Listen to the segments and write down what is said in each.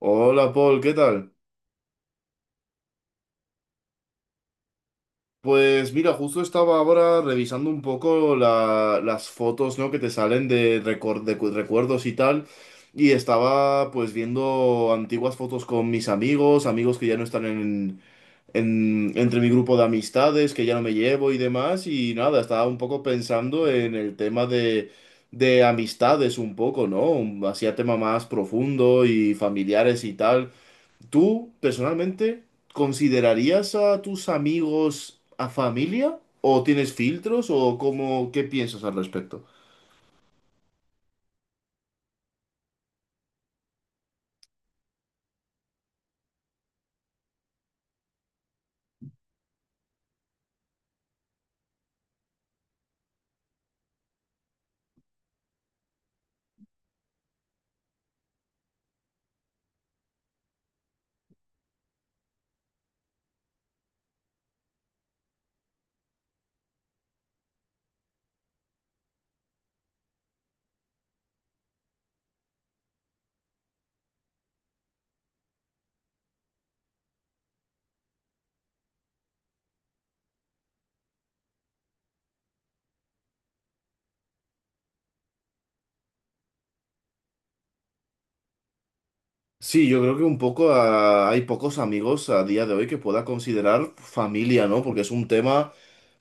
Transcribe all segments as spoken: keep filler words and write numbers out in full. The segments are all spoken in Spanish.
Hola Paul, ¿qué tal? Pues mira, justo estaba ahora revisando un poco la- las fotos, ¿no? Que te salen de, recor- de cu- recuerdos y tal, y estaba pues viendo antiguas fotos con mis amigos, amigos que ya no están en, en- entre mi grupo de amistades, que ya no me llevo y demás, y nada, estaba un poco pensando en el tema de, de amistades un poco, ¿no? Hacía tema más profundo y familiares y tal. ¿Tú personalmente considerarías a tus amigos a familia? ¿O tienes filtros? ¿O cómo, qué piensas al respecto? Sí, yo creo que un poco ah, hay pocos amigos a día de hoy que pueda considerar familia, ¿no? Porque es un tema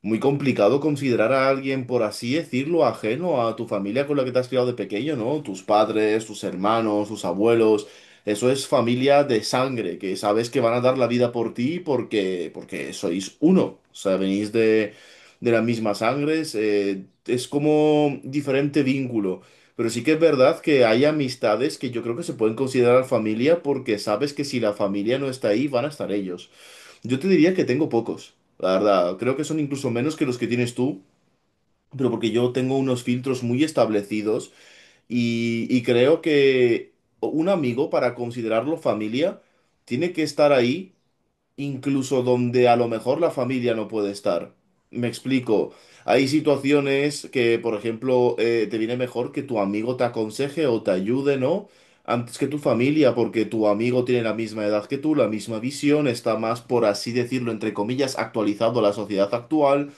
muy complicado considerar a alguien, por así decirlo, ajeno a tu familia con la que te has criado de pequeño, ¿no? Tus padres, tus hermanos, tus abuelos. Eso es familia de sangre, que sabes que van a dar la vida por ti porque, porque sois uno. O sea, venís de, de la misma sangre. Es, eh, es como diferente vínculo. Pero sí que es verdad que hay amistades que yo creo que se pueden considerar familia porque sabes que si la familia no está ahí, van a estar ellos. Yo te diría que tengo pocos, la verdad. Creo que son incluso menos que los que tienes tú, pero porque yo tengo unos filtros muy establecidos y, y creo que un amigo para considerarlo familia tiene que estar ahí incluso donde a lo mejor la familia no puede estar. Me explico. Hay situaciones que, por ejemplo, eh, te viene mejor que tu amigo te aconseje o te ayude, ¿no? Antes que tu familia, porque tu amigo tiene la misma edad que tú, la misma visión, está más, por así decirlo, entre comillas, actualizado a la sociedad actual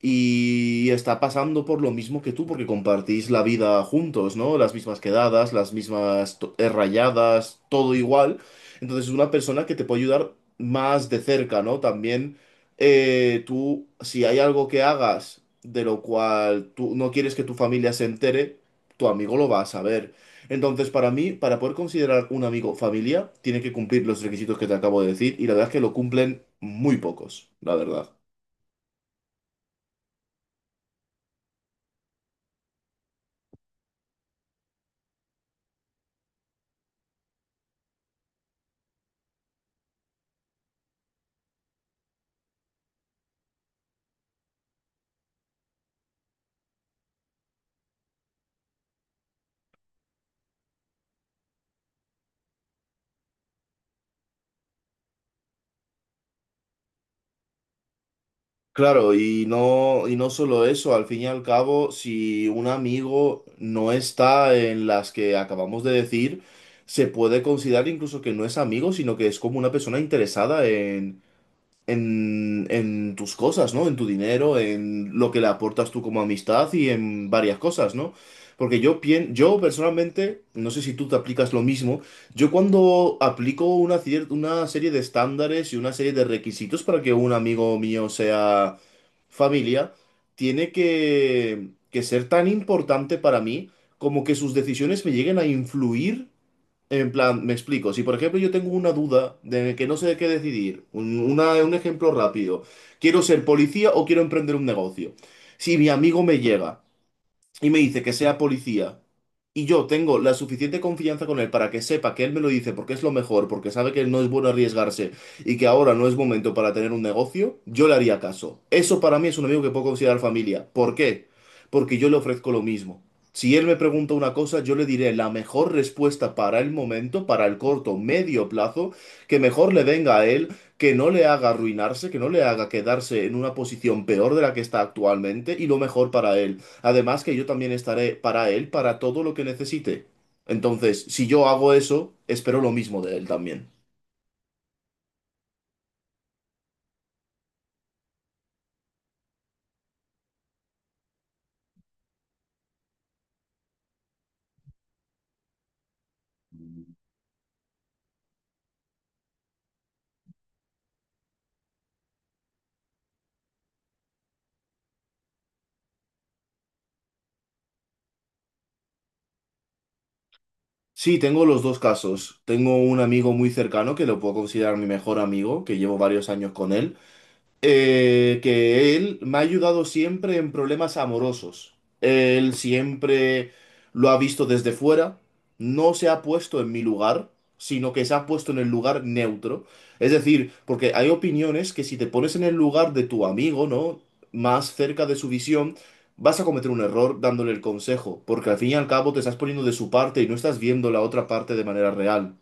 y está pasando por lo mismo que tú, porque compartís la vida juntos, ¿no? Las mismas quedadas, las mismas to- eh, rayadas, todo igual. Entonces es una persona que te puede ayudar más de cerca, ¿no? También eh, tú, si hay algo que hagas de lo cual tú no quieres que tu familia se entere, tu amigo lo va a saber. Entonces, para mí, para poder considerar un amigo familia, tiene que cumplir los requisitos que te acabo de decir, y la verdad es que lo cumplen muy pocos, la verdad. Claro, y no, y no solo eso, al fin y al cabo, si un amigo no está en las que acabamos de decir, se puede considerar incluso que no es amigo, sino que es como una persona interesada en, en tus cosas, ¿no? En tu dinero, en lo que le aportas tú como amistad y en varias cosas, ¿no? Porque yo pien, yo personalmente, no sé si tú te aplicas lo mismo, yo cuando aplico una cier- una serie de estándares y una serie de requisitos para que un amigo mío sea familia, tiene que, que ser tan importante para mí como que sus decisiones me lleguen a influir en plan, me explico. Si por ejemplo yo tengo una duda de que no sé de qué decidir, un, una- un ejemplo rápido, quiero ser policía o quiero emprender un negocio. Si mi amigo me llega y me dice que sea policía y yo tengo la suficiente confianza con él para que sepa que él me lo dice porque es lo mejor, porque sabe que no es bueno arriesgarse y que ahora no es momento para tener un negocio, yo le haría caso. Eso para mí es un amigo que puedo considerar familia. ¿Por qué? Porque yo le ofrezco lo mismo. Si él me pregunta una cosa, yo le diré la mejor respuesta para el momento, para el corto, medio plazo, que mejor le venga a él, que no le haga arruinarse, que no le haga quedarse en una posición peor de la que está actualmente y lo mejor para él. Además que yo también estaré para él, para todo lo que necesite. Entonces, si yo hago eso, espero lo mismo de él también. Sí, tengo los dos casos. Tengo un amigo muy cercano que lo puedo considerar mi mejor amigo, que llevo varios años con él, eh, que él me ha ayudado siempre en problemas amorosos. Él siempre lo ha visto desde fuera, no se ha puesto en mi lugar, sino que se ha puesto en el lugar neutro. Es decir, porque hay opiniones que si te pones en el lugar de tu amigo, ¿no? Más cerca de su visión, vas a cometer un error dándole el consejo, porque al fin y al cabo te estás poniendo de su parte y no estás viendo la otra parte de manera real.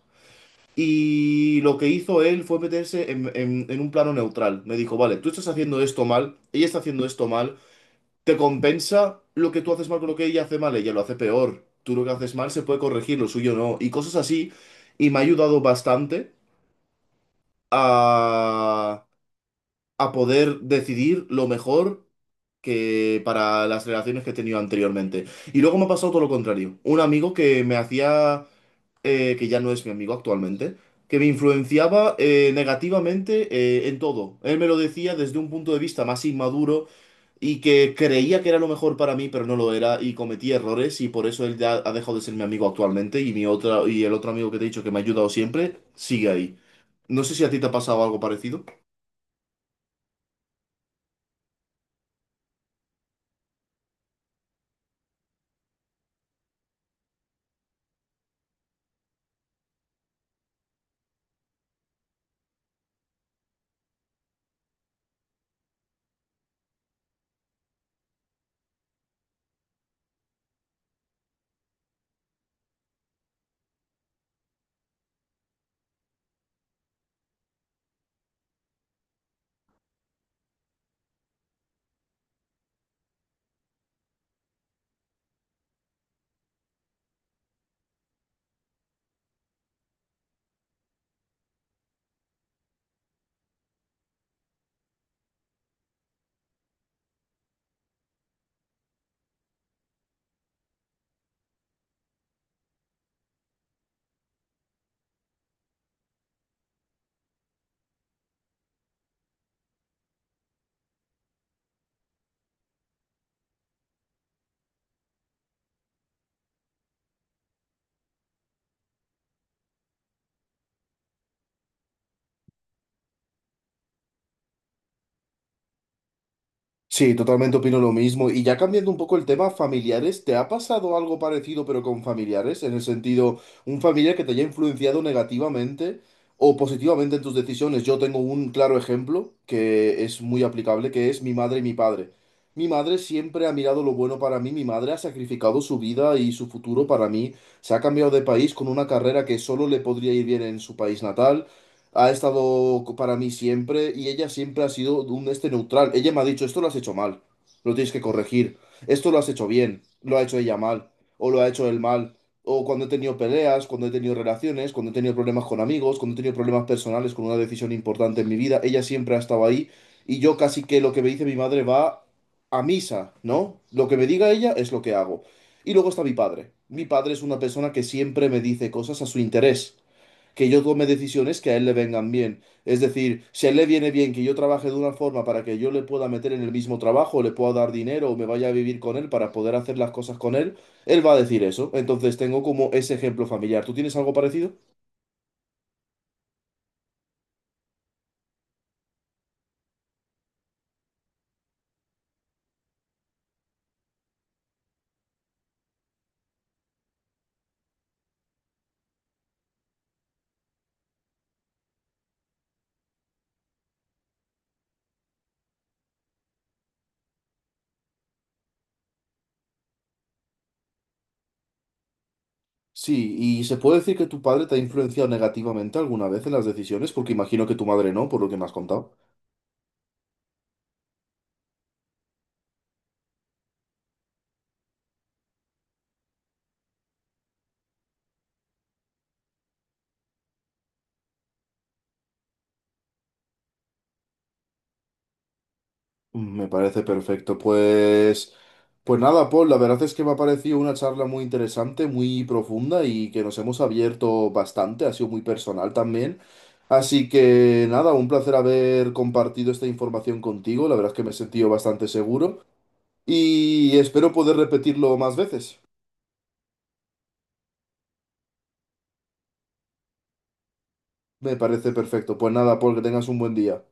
Y lo que hizo él fue meterse en, en- en un plano neutral. Me dijo, vale, tú estás haciendo esto mal, ella está haciendo esto mal, ¿te compensa lo que tú haces mal con lo que ella hace mal? Ella lo hace peor. Tú lo que haces mal se puede corregir, lo suyo no. Y cosas así. Y me ha ayudado bastante a a poder decidir lo mejor que para las relaciones que he tenido anteriormente. Y luego me ha pasado todo lo contrario. Un amigo que me hacía, eh, que ya no es mi amigo actualmente, que me influenciaba eh, negativamente eh, en todo. Él me lo decía desde un punto de vista más inmaduro y que creía que era lo mejor para mí, pero no lo era y cometí errores y por eso él ya ha dejado de ser mi amigo actualmente y mi otra y el otro amigo que te he dicho que me ha ayudado siempre sigue ahí. No sé si a ti te ha pasado algo parecido. Sí, totalmente opino lo mismo. Y ya cambiando un poco el tema, familiares, ¿te ha pasado algo parecido pero con familiares? En el sentido, un familiar que te haya influenciado negativamente o positivamente en tus decisiones. Yo tengo un claro ejemplo que es muy aplicable, que es mi madre y mi padre. Mi madre siempre ha mirado lo bueno para mí, mi madre ha sacrificado su vida y su futuro para mí, se ha cambiado de país con una carrera que solo le podría ir bien en su país natal, ha estado co- para mí siempre y ella siempre ha sido un este neutral. Ella me ha dicho, esto lo has hecho mal, lo tienes que corregir, esto lo has hecho bien, lo ha hecho ella mal, o lo ha hecho él mal. O cuando he tenido peleas, cuando he tenido relaciones, cuando he tenido problemas con amigos, cuando he tenido problemas personales con una decisión importante en mi vida, ella siempre ha estado ahí y yo casi que lo que me dice mi madre va a misa, ¿no? Lo que me diga ella es lo que hago. Y luego está mi padre. Mi padre es una persona que siempre me dice cosas a su interés, que yo tome decisiones que a él le vengan bien. Es decir, si a él le viene bien que yo trabaje de una forma para que yo le pueda meter en el mismo trabajo, le pueda dar dinero o me vaya a vivir con él para poder hacer las cosas con él, él va a decir eso. Entonces tengo como ese ejemplo familiar. ¿Tú tienes algo parecido? Sí, y se puede decir que tu padre te ha influenciado negativamente alguna vez en las decisiones, porque imagino que tu madre no, por lo que me has contado. Me parece perfecto. Pues, pues nada, Paul, la verdad es que me ha parecido una charla muy interesante, muy profunda y que nos hemos abierto bastante, ha sido muy personal también. Así que nada, un placer haber compartido esta información contigo, la verdad es que me he sentido bastante seguro y espero poder repetirlo más veces. Me parece perfecto. Pues nada, Paul, que tengas un buen día.